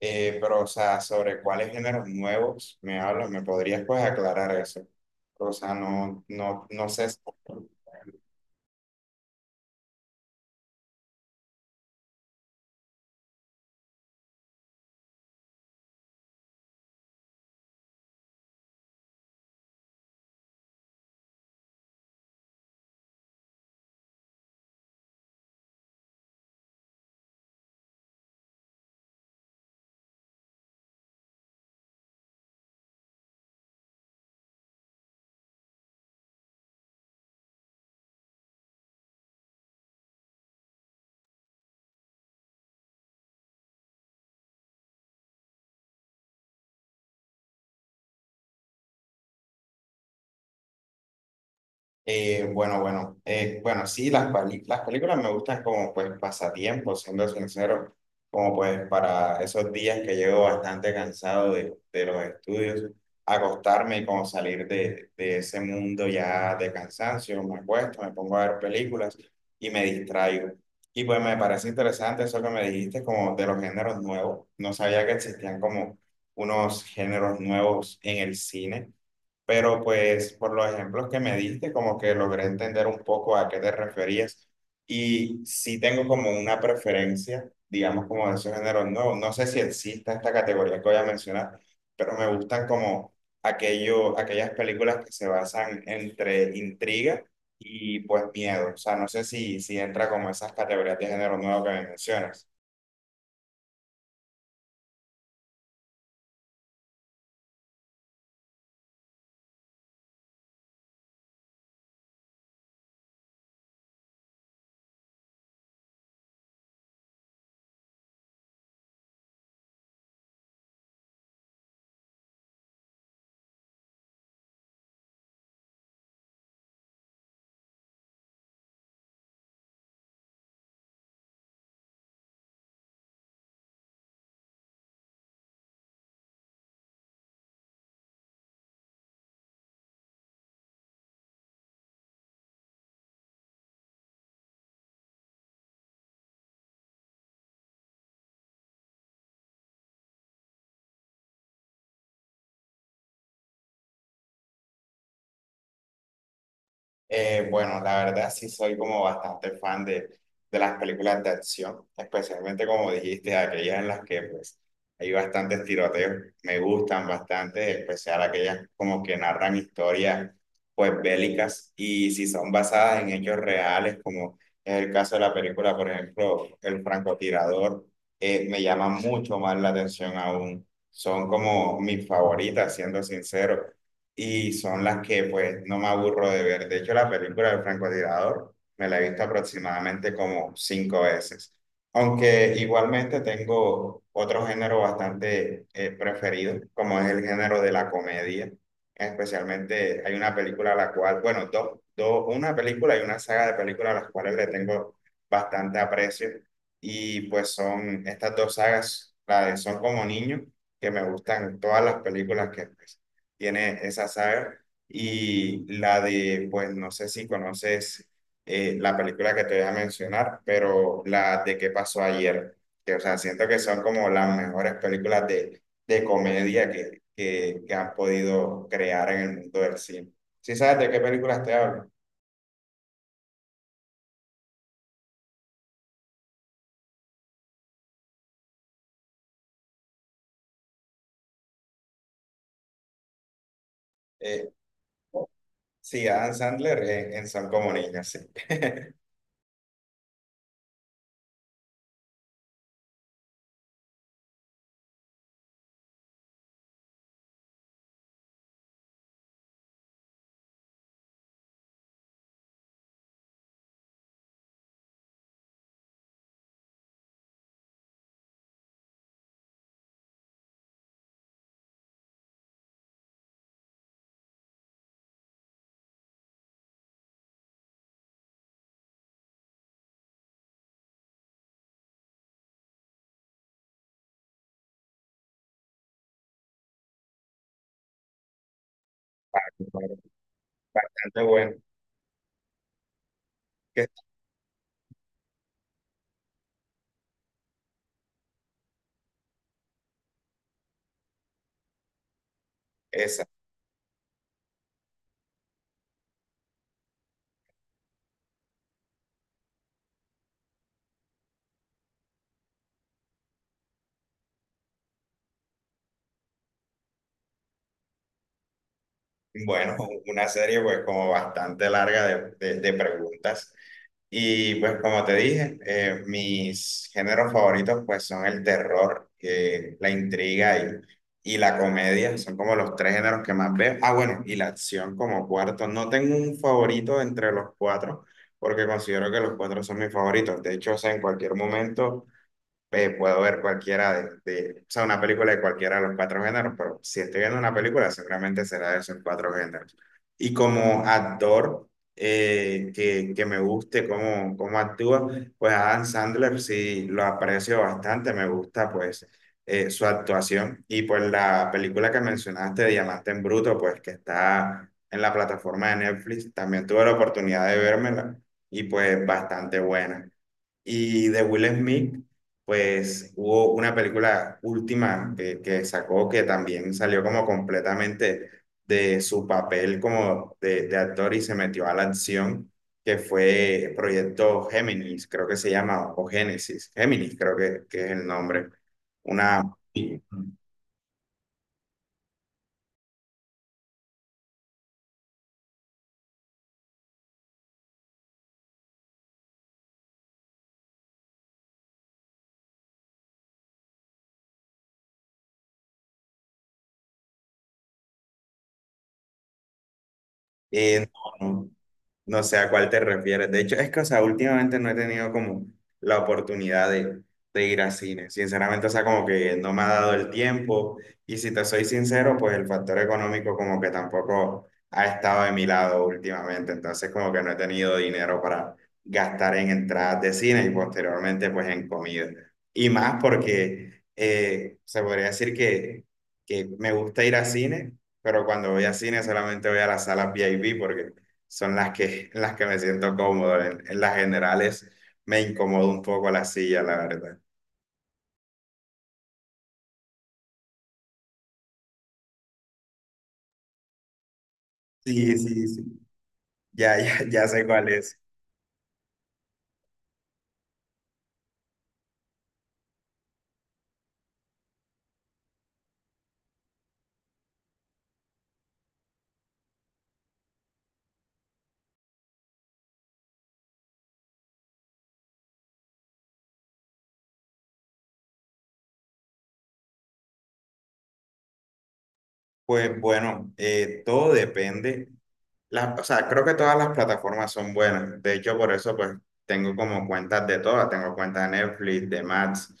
Pero, o sea, sobre cuáles géneros nuevos me hablas, ¿me podrías pues aclarar eso? O sea, no, no, no sé. Bueno, bueno, bueno, sí, las películas me gustan como pues pasatiempos, siendo sincero, como pues para esos días que llego bastante cansado de los estudios, acostarme y como salir de ese mundo ya de cansancio, me acuesto, me pongo a ver películas y me distraigo. Y pues me parece interesante eso que me dijiste como de los géneros nuevos, no sabía que existían como unos géneros nuevos en el cine, pero pues por los ejemplos que me diste, como que logré entender un poco a qué te referías y sí tengo como una preferencia, digamos, como de esos géneros nuevos. No sé si exista esta categoría que voy a mencionar, pero me gustan como aquellas películas que se basan entre intriga y pues miedo. O sea, no sé si entra como esas categorías de género nuevo que me mencionas. Bueno, la verdad sí soy como bastante fan de las películas de acción, especialmente como dijiste, aquellas en las que pues hay bastantes tiroteos, me gustan bastante, en especial aquellas como que narran historias pues bélicas y si son basadas en hechos reales, como es el caso de la película, por ejemplo, El francotirador. Me llama mucho más la atención aún, son como mis favoritas, siendo sincero, y son las que pues no me aburro de ver. De hecho, la película del francotirador me la he visto aproximadamente como 5 veces. Aunque igualmente tengo otro género bastante preferido, como es el género de la comedia. Especialmente hay una película a la cual, bueno, dos, una película y una saga de películas a las cuales le tengo bastante aprecio. Y pues son estas dos sagas, la de Son como niños, que me gustan todas las películas que, pues, tiene esa saga. Y la de, pues no sé si conoces la película que te voy a mencionar, pero la de qué pasó ayer, que o sea, siento que son como las mejores películas de comedia que han podido crear en el mundo del cine. ¿Sí sabes de qué películas te hablo? Eh, sí, Adam Sandler en Son como niños, sí. Bastante bueno. que Esa. Bueno, una serie pues como bastante larga de preguntas. Y pues como te dije, mis géneros favoritos pues son el terror, la intriga y la comedia, son como los tres géneros que más veo. Ah, bueno, y la acción como cuarto. No tengo un favorito entre los cuatro, porque considero que los cuatro son mis favoritos. De hecho, o sea, en cualquier momento puedo ver cualquiera o sea, una película de cualquiera de los cuatro géneros, pero si estoy viendo una película, seguramente será de esos cuatro géneros. Y como actor que me guste cómo actúa, pues Adam Sandler sí lo aprecio bastante, me gusta pues su actuación. Y pues la película que mencionaste, Diamante en Bruto, pues que está en la plataforma de Netflix, también tuve la oportunidad de vérmela y pues bastante buena. Y de Will Smith, pues hubo una película última que sacó que también salió como completamente de su papel como de actor y se metió a la acción, que fue Proyecto Géminis, creo que se llama, o Génesis, Géminis creo que es el nombre. Una... eh, no, no, no sé a cuál te refieres. De hecho, es que, o sea, últimamente no he tenido como la oportunidad de ir a cine. Sinceramente, o sea, como que no me ha dado el tiempo. Y si te soy sincero, pues el factor económico como que tampoco ha estado de mi lado últimamente. Entonces, como que no he tenido dinero para gastar en entradas de cine y posteriormente, pues en comida. Y más porque se podría decir que me gusta ir a cine, pero cuando voy a cine solamente voy a las salas V I VIP porque son las que, me siento cómodo. En las generales me incomoda un poco la silla, la verdad. Sí, sí, sí. Ya, ya, ya sé cuál es. Pues bueno, todo depende. O sea, creo que todas las plataformas son buenas. De hecho, por eso pues tengo como cuentas de todas. Tengo cuentas de Netflix, de Max,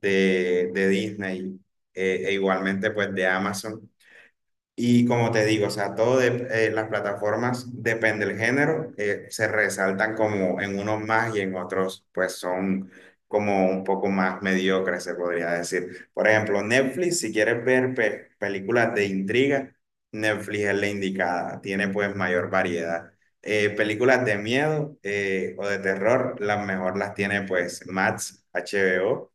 de Disney, e igualmente pues de Amazon. Y como te digo, o sea, todo las plataformas depende del género, se resaltan como en unos más y en otros pues son como un poco más mediocres, se podría decir. Por ejemplo, Netflix, si quieres ver películas de intriga, Netflix es la indicada, tiene pues mayor variedad. Películas de miedo o de terror, las mejor las tiene pues Max, HBO.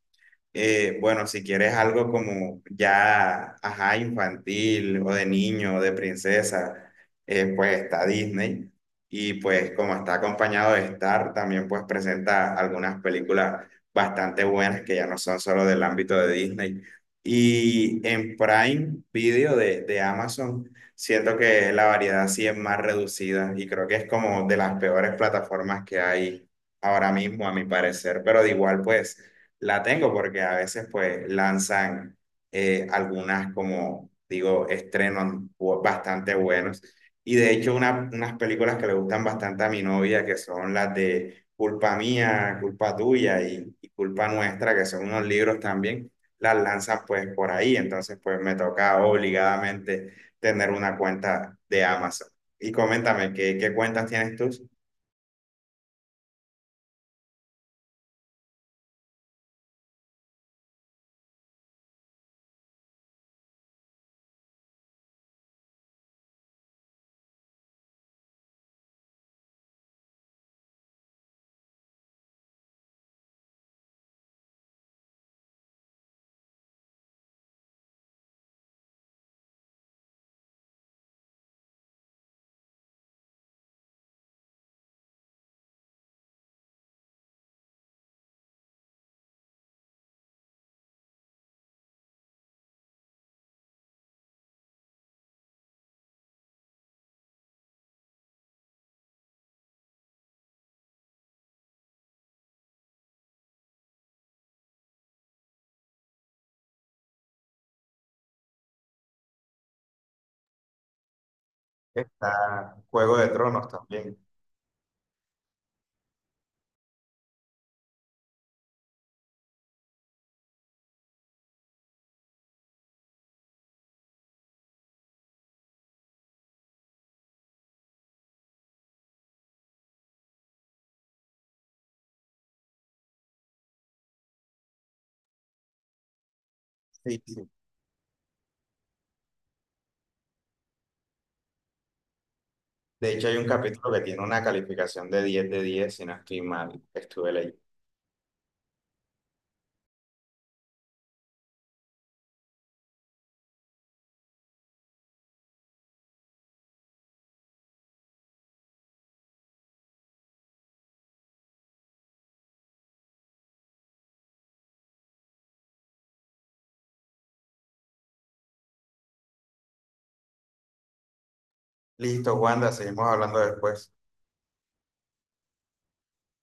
Bueno, si quieres algo como ya, ajá, infantil o de niño o de princesa, pues está Disney. Y pues como está acompañado de Star, también pues presenta algunas películas bastante buenas que ya no son solo del ámbito de Disney. Y en Prime Video de Amazon, siento que la variedad sí es más reducida y creo que es como de las peores plataformas que hay ahora mismo, a mi parecer, pero de igual pues la tengo porque a veces pues lanzan algunas como digo, estrenos bastante buenos. Y de hecho unas películas que le gustan bastante a mi novia, que son las de Culpa Mía, Culpa Tuya y Culpa Nuestra, que son unos libros también, las lanzan pues por ahí. Entonces pues me toca obligadamente tener una cuenta de Amazon. Y coméntame, ¿qué cuentas tienes tú? Está Juego de Tronos también. Sí, sí. De hecho, hay un capítulo que tiene una calificación de 10 de 10 si no estoy mal, que estuve leyendo. Listo, Wanda, seguimos hablando después.